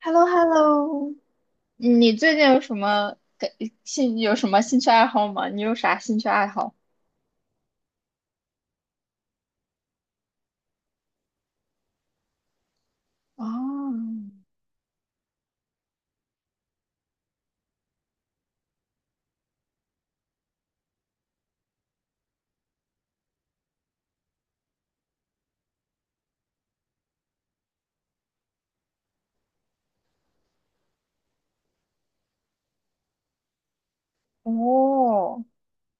hello hello。 你最近有什么兴趣爱好吗？你有啥兴趣爱好？哦，哦，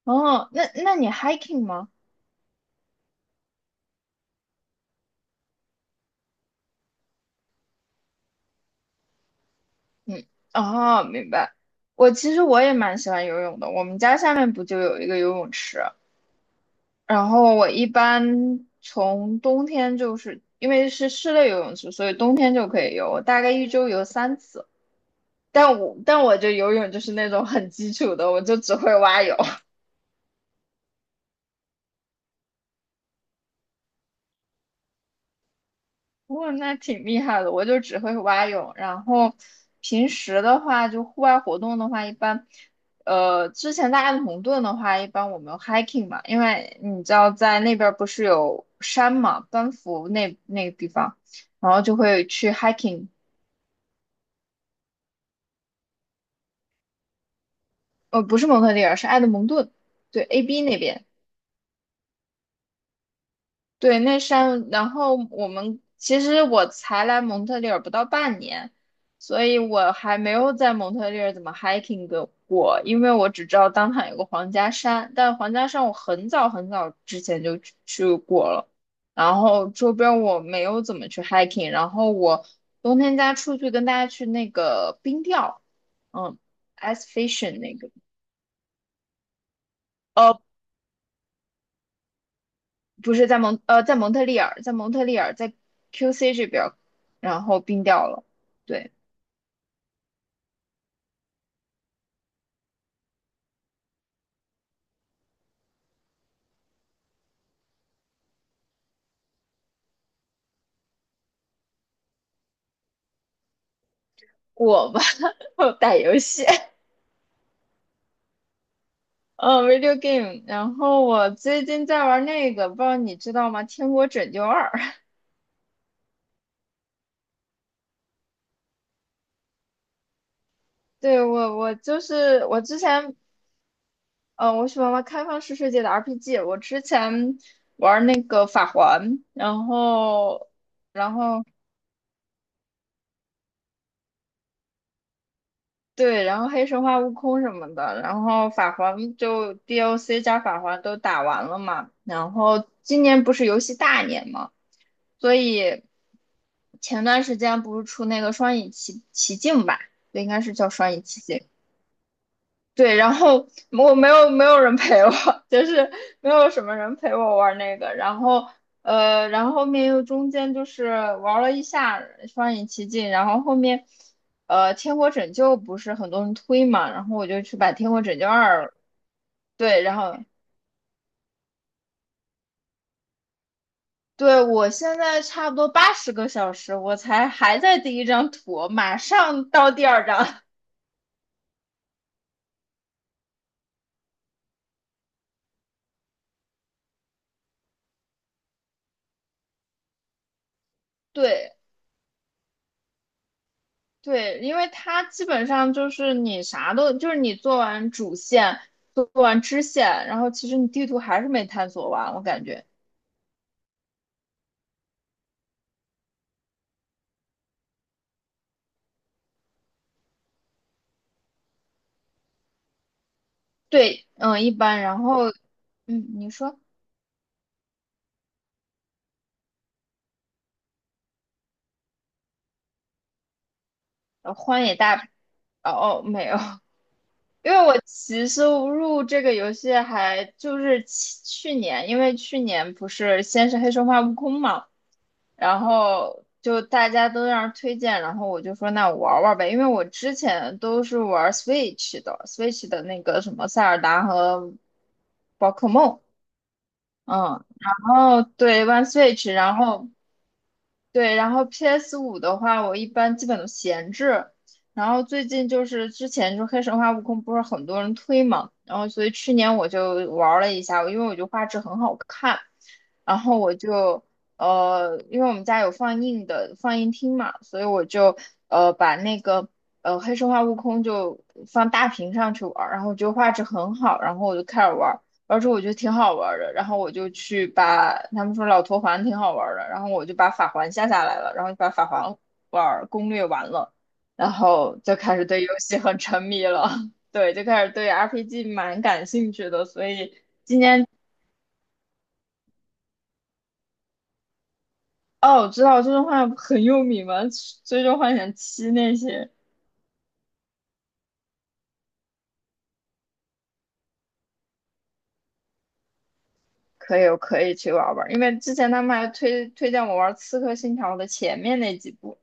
哦，那你 hiking 吗？嗯，哦，明白。我其实也蛮喜欢游泳的，我们家下面不就有一个游泳池，然后我一般从冬天就是因为是室内游泳池，所以冬天就可以游，我大概一周游三次。但我就游泳就是那种很基础的，我就只会蛙泳。不，那挺厉害的，我就只会蛙泳。然后平时的话，就户外活动的话，一般，之前在埃德蒙顿的话，一般我们 hiking 嘛，因为你知道在那边儿不是有山嘛，班夫那个地方，然后就会去 hiking，不是蒙特利尔，是埃德蒙顿，对，AB 那边。对，那山，然后我们其实我才来蒙特利尔不到半年，所以我还没有在蒙特利尔怎么 hiking 的过，因为我只知道当场有个皇家山，但皇家山我很早很早之前就去过了，然后周边我没有怎么去 hiking，然后我冬天家出去跟大家去那个冰钓，嗯，ice fishing 那个。不是在蒙特利尔，在蒙特利尔在 QC 这边儿，然后冰掉了。对，我吧，我打游戏，嗯 video game。然后我最近在玩那个，不知道你知道吗？《天国拯救二》。对，我就是我之前，我喜欢玩开放式世界的 RPG。我之前那个法环，然后对，然后黑神话、悟空什么的，然后法环就 DLC 加法环都打完了嘛，然后今年不是游戏大年嘛，所以前段时间不是出那个双影奇奇境吧，应该是叫双影奇境，对，然后我没有人陪我，就是没有什么人陪我玩那个，然后后面又中间就是玩了一下双影奇境，然后后面天国拯救不是很多人推嘛，然后我就去把天国拯救二，对，然后对我现在差不多八十个小时，我才还在第一张图，马上到第二张，对，对，因为它基本上就是你啥都，就是你做完主线，做完支线，然后其实你地图还是没探索完，我感觉。对，嗯，一般。然后，嗯，你说，荒野大，哦哦，没有。因为我其实入这个游戏还就是去年，因为去年不是先是黑神话悟空嘛，然后就大家都让人推荐，然后我就说那我玩玩呗，因为我之前都是玩 Switch 的，Switch 的那个什么塞尔达和宝可梦，嗯，然后对玩 Switch，然后对，然后 PS 五的话，我一般基本都闲置。然后最近就是之前就黑神话悟空不是很多人推嘛，然后所以去年我就玩了一下，因为我觉得画质很好看，然后我就因为我们家有放映的放映厅嘛，所以我就把那个黑神话悟空就放大屏上去玩儿，然后就画质很好，然后我就开始玩。之后我觉得挺好玩儿的，然后我就去把他们说老头环挺好玩儿的，然后我就把法环下下来了，然后就把法环玩儿攻略完了，然后就开始对游戏很沉迷了。对，就开始对 RPG 蛮感兴趣的，所以今年哦，我知道《最终幻想》很有名嘛，《最终幻想七》那些可以，我可以去玩儿玩儿，因为之前他们还推荐我玩儿《刺客信条》的前面那几部，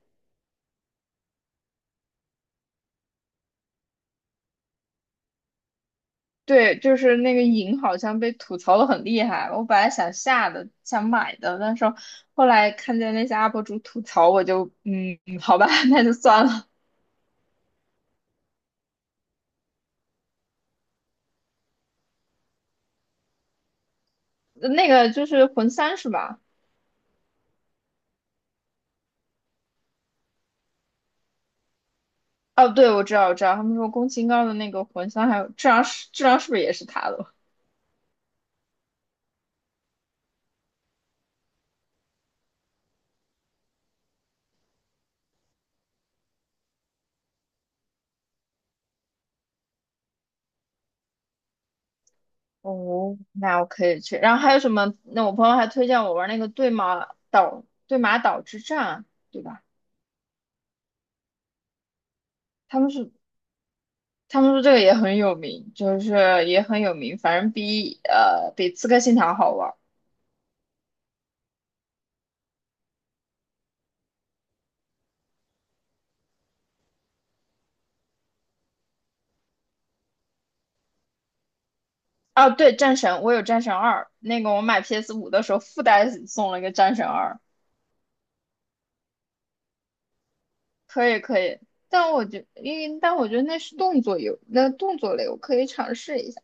对，就是那个影好像被吐槽的很厉害。我本来想下的，想买的，但是后来看见那些 UP 主吐槽，我就嗯，好吧，那就算了。那个就是魂三是吧？哦，对，我知道，我知道，他们说宫崎英高的那个魂三，还有质量是不是也是他的？哦，那我可以去。然后还有什么？那我朋友还推荐我玩那个对马岛之战，对吧？他们是他们说这个也很有名，就是也很有名，反正比《刺客信条》好玩儿啊，对，《战神》我有《战神二》，那个我买 PS 五的时候附带送了一个《战神二》，可以可以。但我觉，因为但我觉得那是动作游，那动作类我可以尝试一下。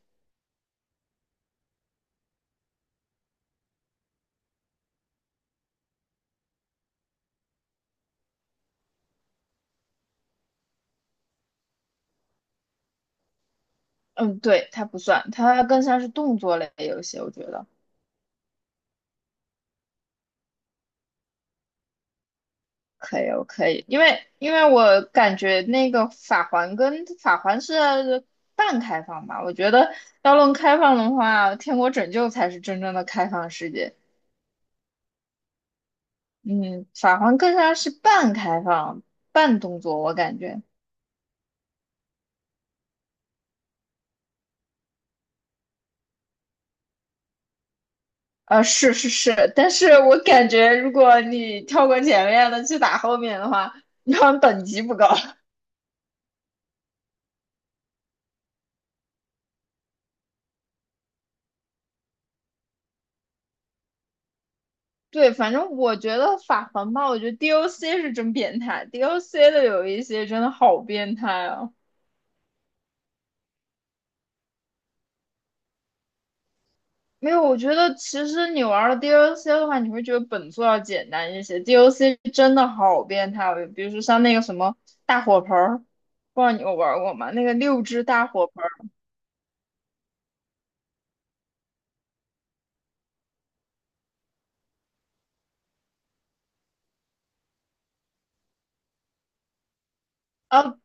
嗯，对，它不算，它更像是动作类游戏，我觉得。可以，我可以，因为我感觉那个法环是半开放吧，我觉得要论开放的话，天国拯救才是真正的开放世界。嗯，法环更像是半开放、半动作，我感觉。是是是，但是我感觉如果你跳过前面的去打后面的话，你好像等级不高。对，反正我觉得法环吧，我觉得 DOC 是真变态，DOC 的有一些真的好变态啊。没有，我觉得其实你玩了 DLC 的话，你会觉得本作要简单一些。DLC 真的好变态哦，比如说像那个什么大火盆儿，不知道你有玩过吗？那个六只大火盆儿啊，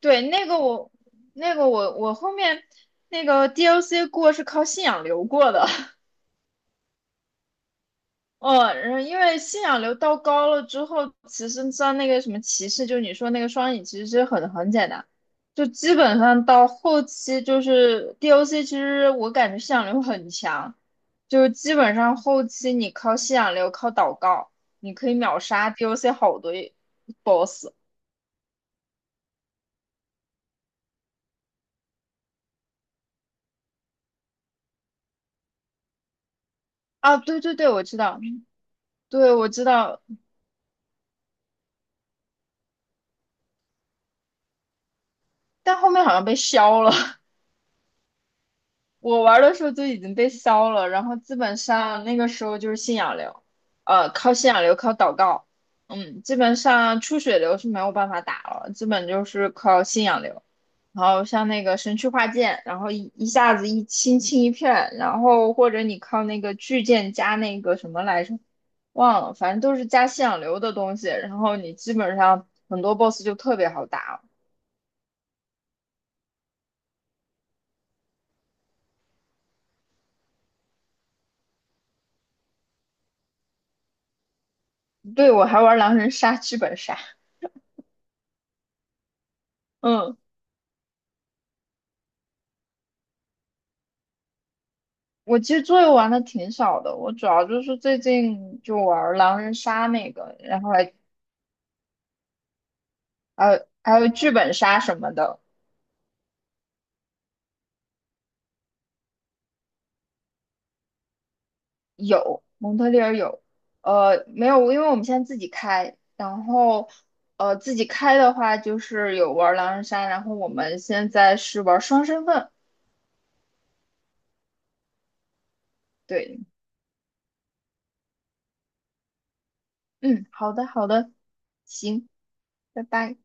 对，我后面那个 DLC 过是靠信仰流过的。哦，然后因为信仰流到高了之后，其实像那个什么歧视，就是你说那个双影，其实是很简单，就基本上到后期就是 DOC，其实我感觉信仰流很强，就是基本上后期你靠信仰流靠祷告，你可以秒杀 DOC 好多 BOSS 啊，对对对，我知道，对我知道，但后面好像被削了，我玩的时候就已经被烧了，然后基本上那个时候就是信仰流，靠信仰流，靠祷告，嗯，基本上出血流是没有办法打了，基本就是靠信仰流，然后像那个神区化剑，然后一下子一清清一片，然后或者你靠那个巨剑加那个什么来着，忘了，反正都是加信仰流的东西，然后你基本上很多 boss 就特别好打了。对，我还玩狼人杀剧本杀，嗯。我其实桌游玩的挺少的，我主要就是最近就玩儿狼人杀那个，然后还还有剧本杀什么的，有蒙特利尔有，没有，因为我们现在自己开，然后自己开的话就是有玩儿狼人杀，然后我们现在是玩儿双身份，对，嗯，好的好的，行，拜拜。